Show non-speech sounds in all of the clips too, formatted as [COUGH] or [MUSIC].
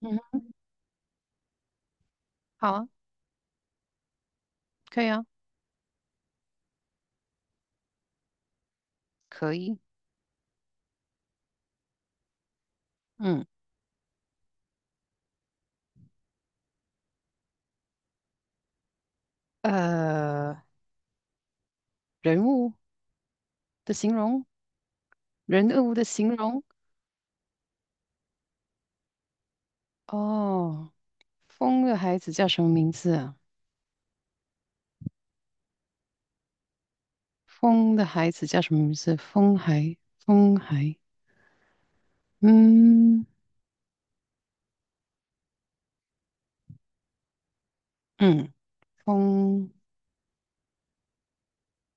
嗯哼，好啊，可以啊，可以。嗯，呃，人物的形容，人物的形容。哦，风的孩子叫什么名字啊？风的孩子叫什么名字？风孩，风孩。嗯嗯，风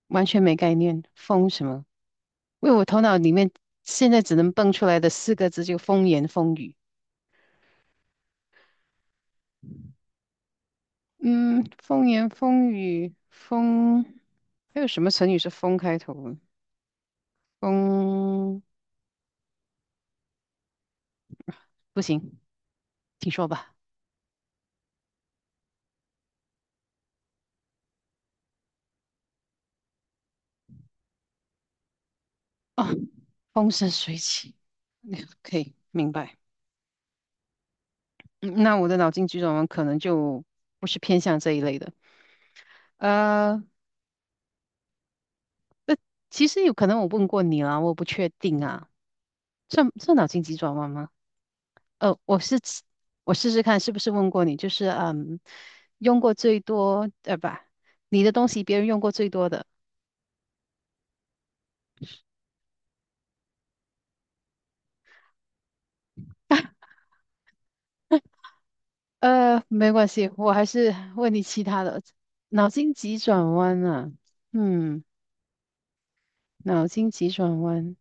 完全没概念。风什么？因为我头脑里面现在只能蹦出来的四个字就风言风语。嗯，风言风语，风还有什么成语是风开头的？风。不行，请说吧。哦，风生水起，可以明白。嗯那我的脑筋急转弯可能就不是偏向这一类的。呃，那其实有可能我问过你啦，我不确定啊，算算脑筋急转弯吗？呃，我是吃我试试看是不是问过你，就是用过最多不，你的东西别人用过最多的。没关系，我还是问你其他的脑筋急转弯啊，嗯。脑筋急转弯，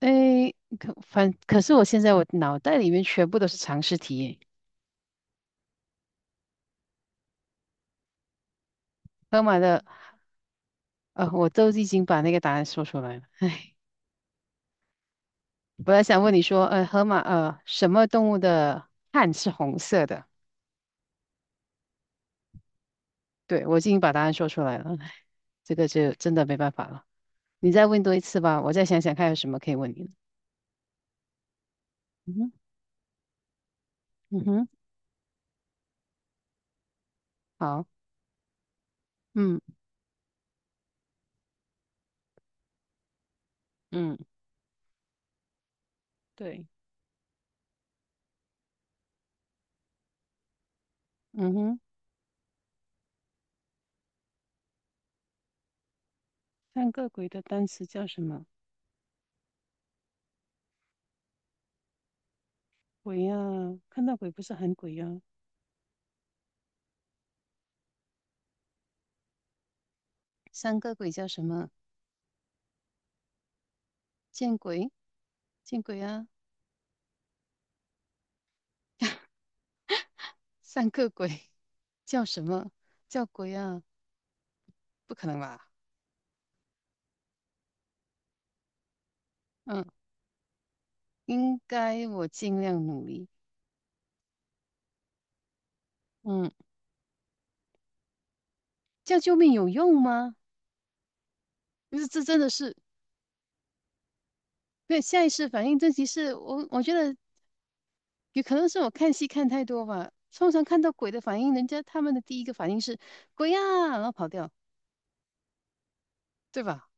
诶，可是我现在我脑袋里面全部都是常识题耶，河马的，我都已经把那个答案说出来了。唉，本来想问你说，河马，什么动物的汗是红色的？对，我已经把答案说出来了，唉，这个就真的没办法了。你再问多一次吧，我再想想看有什么可以问你的嗯哼，嗯哼，好，嗯嗯，对，嗯哼，看个鬼的单词叫什么？鬼呀、看到鬼不是喊鬼呀、三个鬼叫什么？见鬼，见鬼啊！三个鬼 [LAUGHS] 叫什么？叫鬼啊？不可能吧？嗯，应该我尽量努力。嗯，叫救命有用吗？不是，这真的是对下意识反应。这其实我觉得有可能是我看戏看太多吧。通常看到鬼的反应，人家他们的第一个反应是鬼呀、啊，然后跑掉，对吧？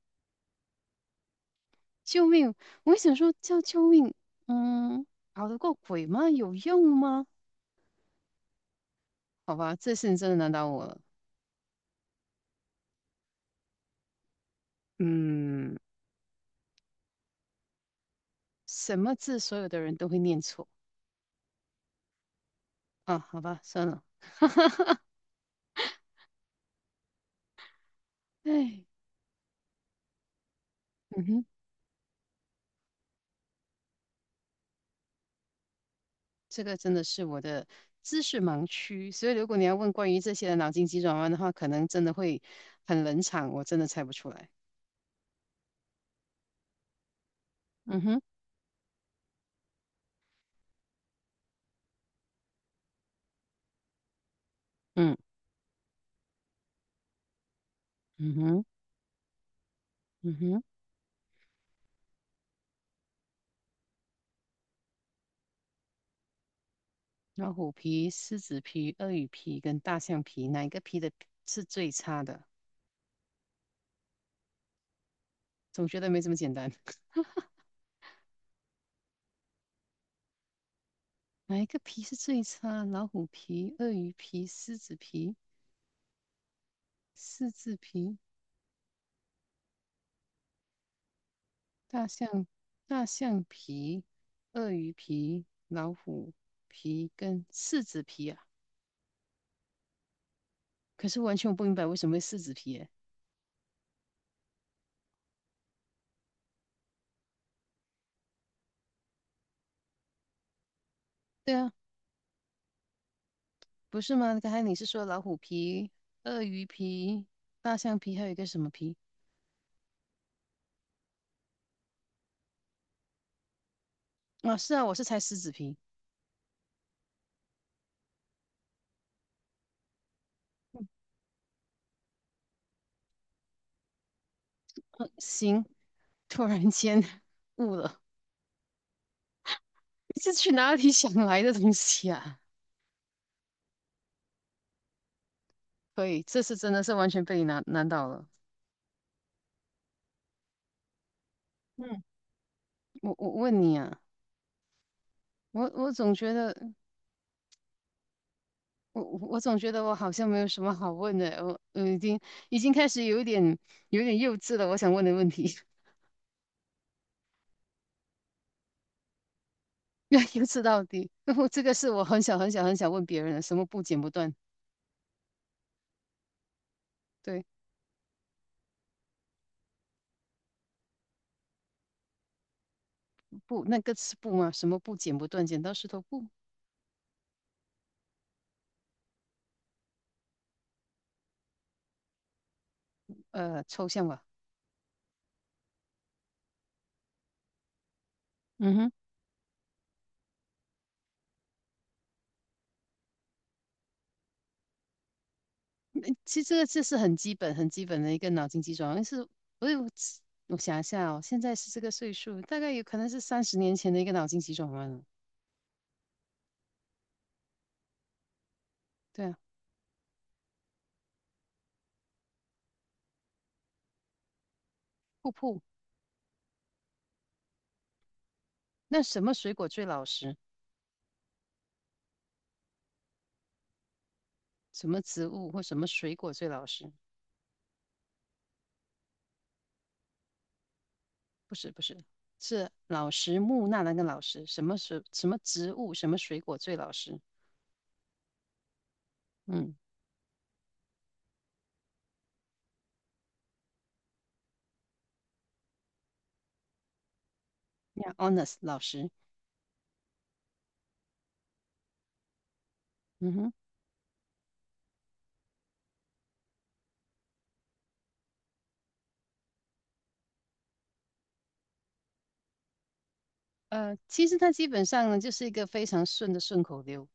救命！我想说叫救命，嗯，跑得过鬼吗？有用吗？好吧，这次你真的难倒我了。嗯，什么字所有的人都会念错啊？好吧，算了。哎，嗯哼，这个真的是我的知识盲区，所以如果你要问关于这些的脑筋急转弯的话，可能真的会很冷场，我真的猜不出来。嗯哼，嗯嗯哼嗯哼，老虎皮、狮子皮、鳄鱼皮跟大象皮，哪一个皮的是最差的？总觉得没这么简单。[LAUGHS] 哪一个皮是最差？老虎皮、鳄鱼皮、狮子皮？狮子皮、大象、大象皮、鳄鱼皮、老虎皮跟四子皮啊。可是完全我不明白为什么会四子皮耶？对啊，不是吗？刚才你是说老虎皮、鳄鱼皮、大象皮，还有一个什么皮？啊，是啊，我是猜狮子皮。嗯行，突然间 [LAUGHS] 悟了，你这去哪里想来的东西啊？可以，这次真的是完全被你难倒了。嗯，我问你啊，我总觉得。我总觉得我好像没有什么好问的，我已经开始有一点幼稚了。我想问的问题 [LAUGHS]，要幼稚到底。[LAUGHS] 我这个是我很小很小很小问别人的，什么布剪不断？对，布那个是布吗？什么布剪不断？剪刀石头布？抽象吧。嗯哼，诶其实这是很基本很基本的一个脑筋急转弯。是，我有我想一下哦，现在是这个岁数，大概有可能是30年前的一个脑筋急转弯了。对啊，瀑布。那什么水果最老实？什么植物或什么水果最老实？不是不是，是老实木那个老实，什么水什么植物什么水果最老实？嗯 honest 老实，嗯哼，其实它基本上呢就是一个非常顺的顺口溜，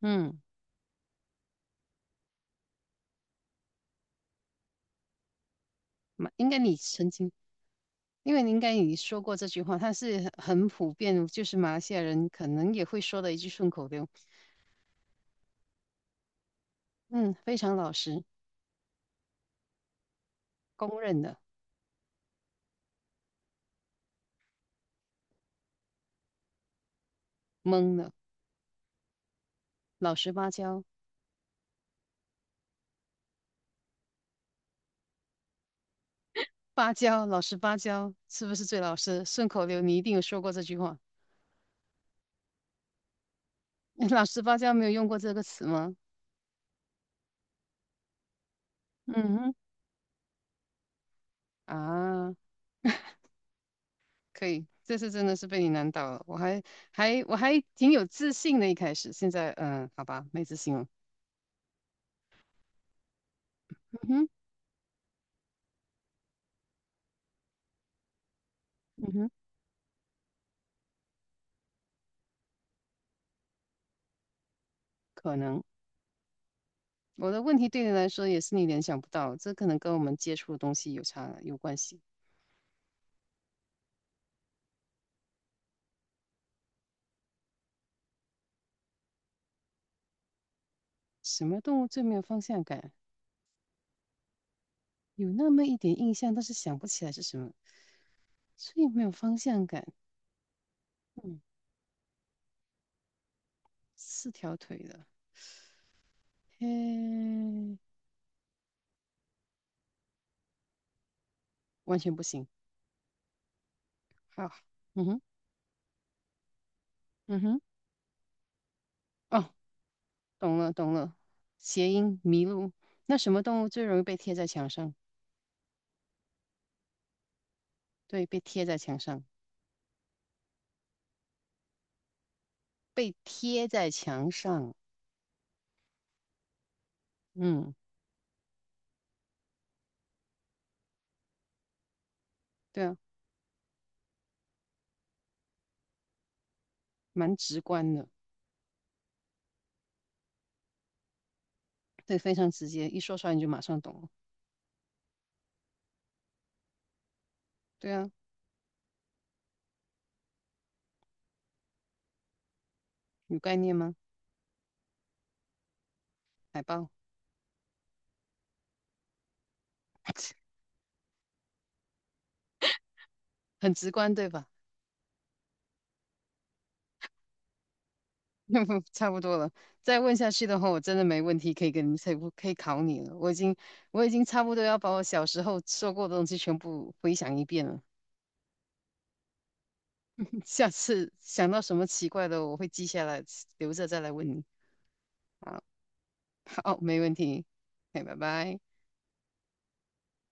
嗯，马应该你曾经。因为你应该你说过这句话，它是很普遍，就是马来西亚人可能也会说的一句顺口溜。嗯，非常老实，公认的，懵的，老实巴交，芭蕉，老实芭蕉，是不是最老实？顺口溜你一定有说过这句话。[LAUGHS] 老实芭蕉没有用过这个词吗？嗯哼，啊，可以，这次真的是被你难倒了。我还还我还挺有自信的，一开始，现在嗯，好吧，没自信了。嗯哼，嗯哼，可能我的问题对你来说也是你联想不到，这可能跟我们接触的东西有差有关系。什么动物最没有方向感？有那么一点印象，但是想不起来是什么，最没有方向感。嗯，四条腿的。嘿，完全不行。好，嗯哼，嗯哼，哦，懂了，懂了，谐音迷路。那什么动物最容易被贴在墙上？对，被贴在墙上，被贴在墙上。嗯，对啊，蛮直观的，对，非常直接，一说出来你就马上懂了。对啊，有概念吗？海豹，[LAUGHS] 很直观，对吧？[LAUGHS] 差不多了，再问下去的话，我真的没问题可以跟你，可以可以考你了。我已经差不多要把我小时候说过的东西全部回想一遍了。[LAUGHS] 下次想到什么奇怪的，我会记下来，留着再来问你。好，没问题。哎，拜拜。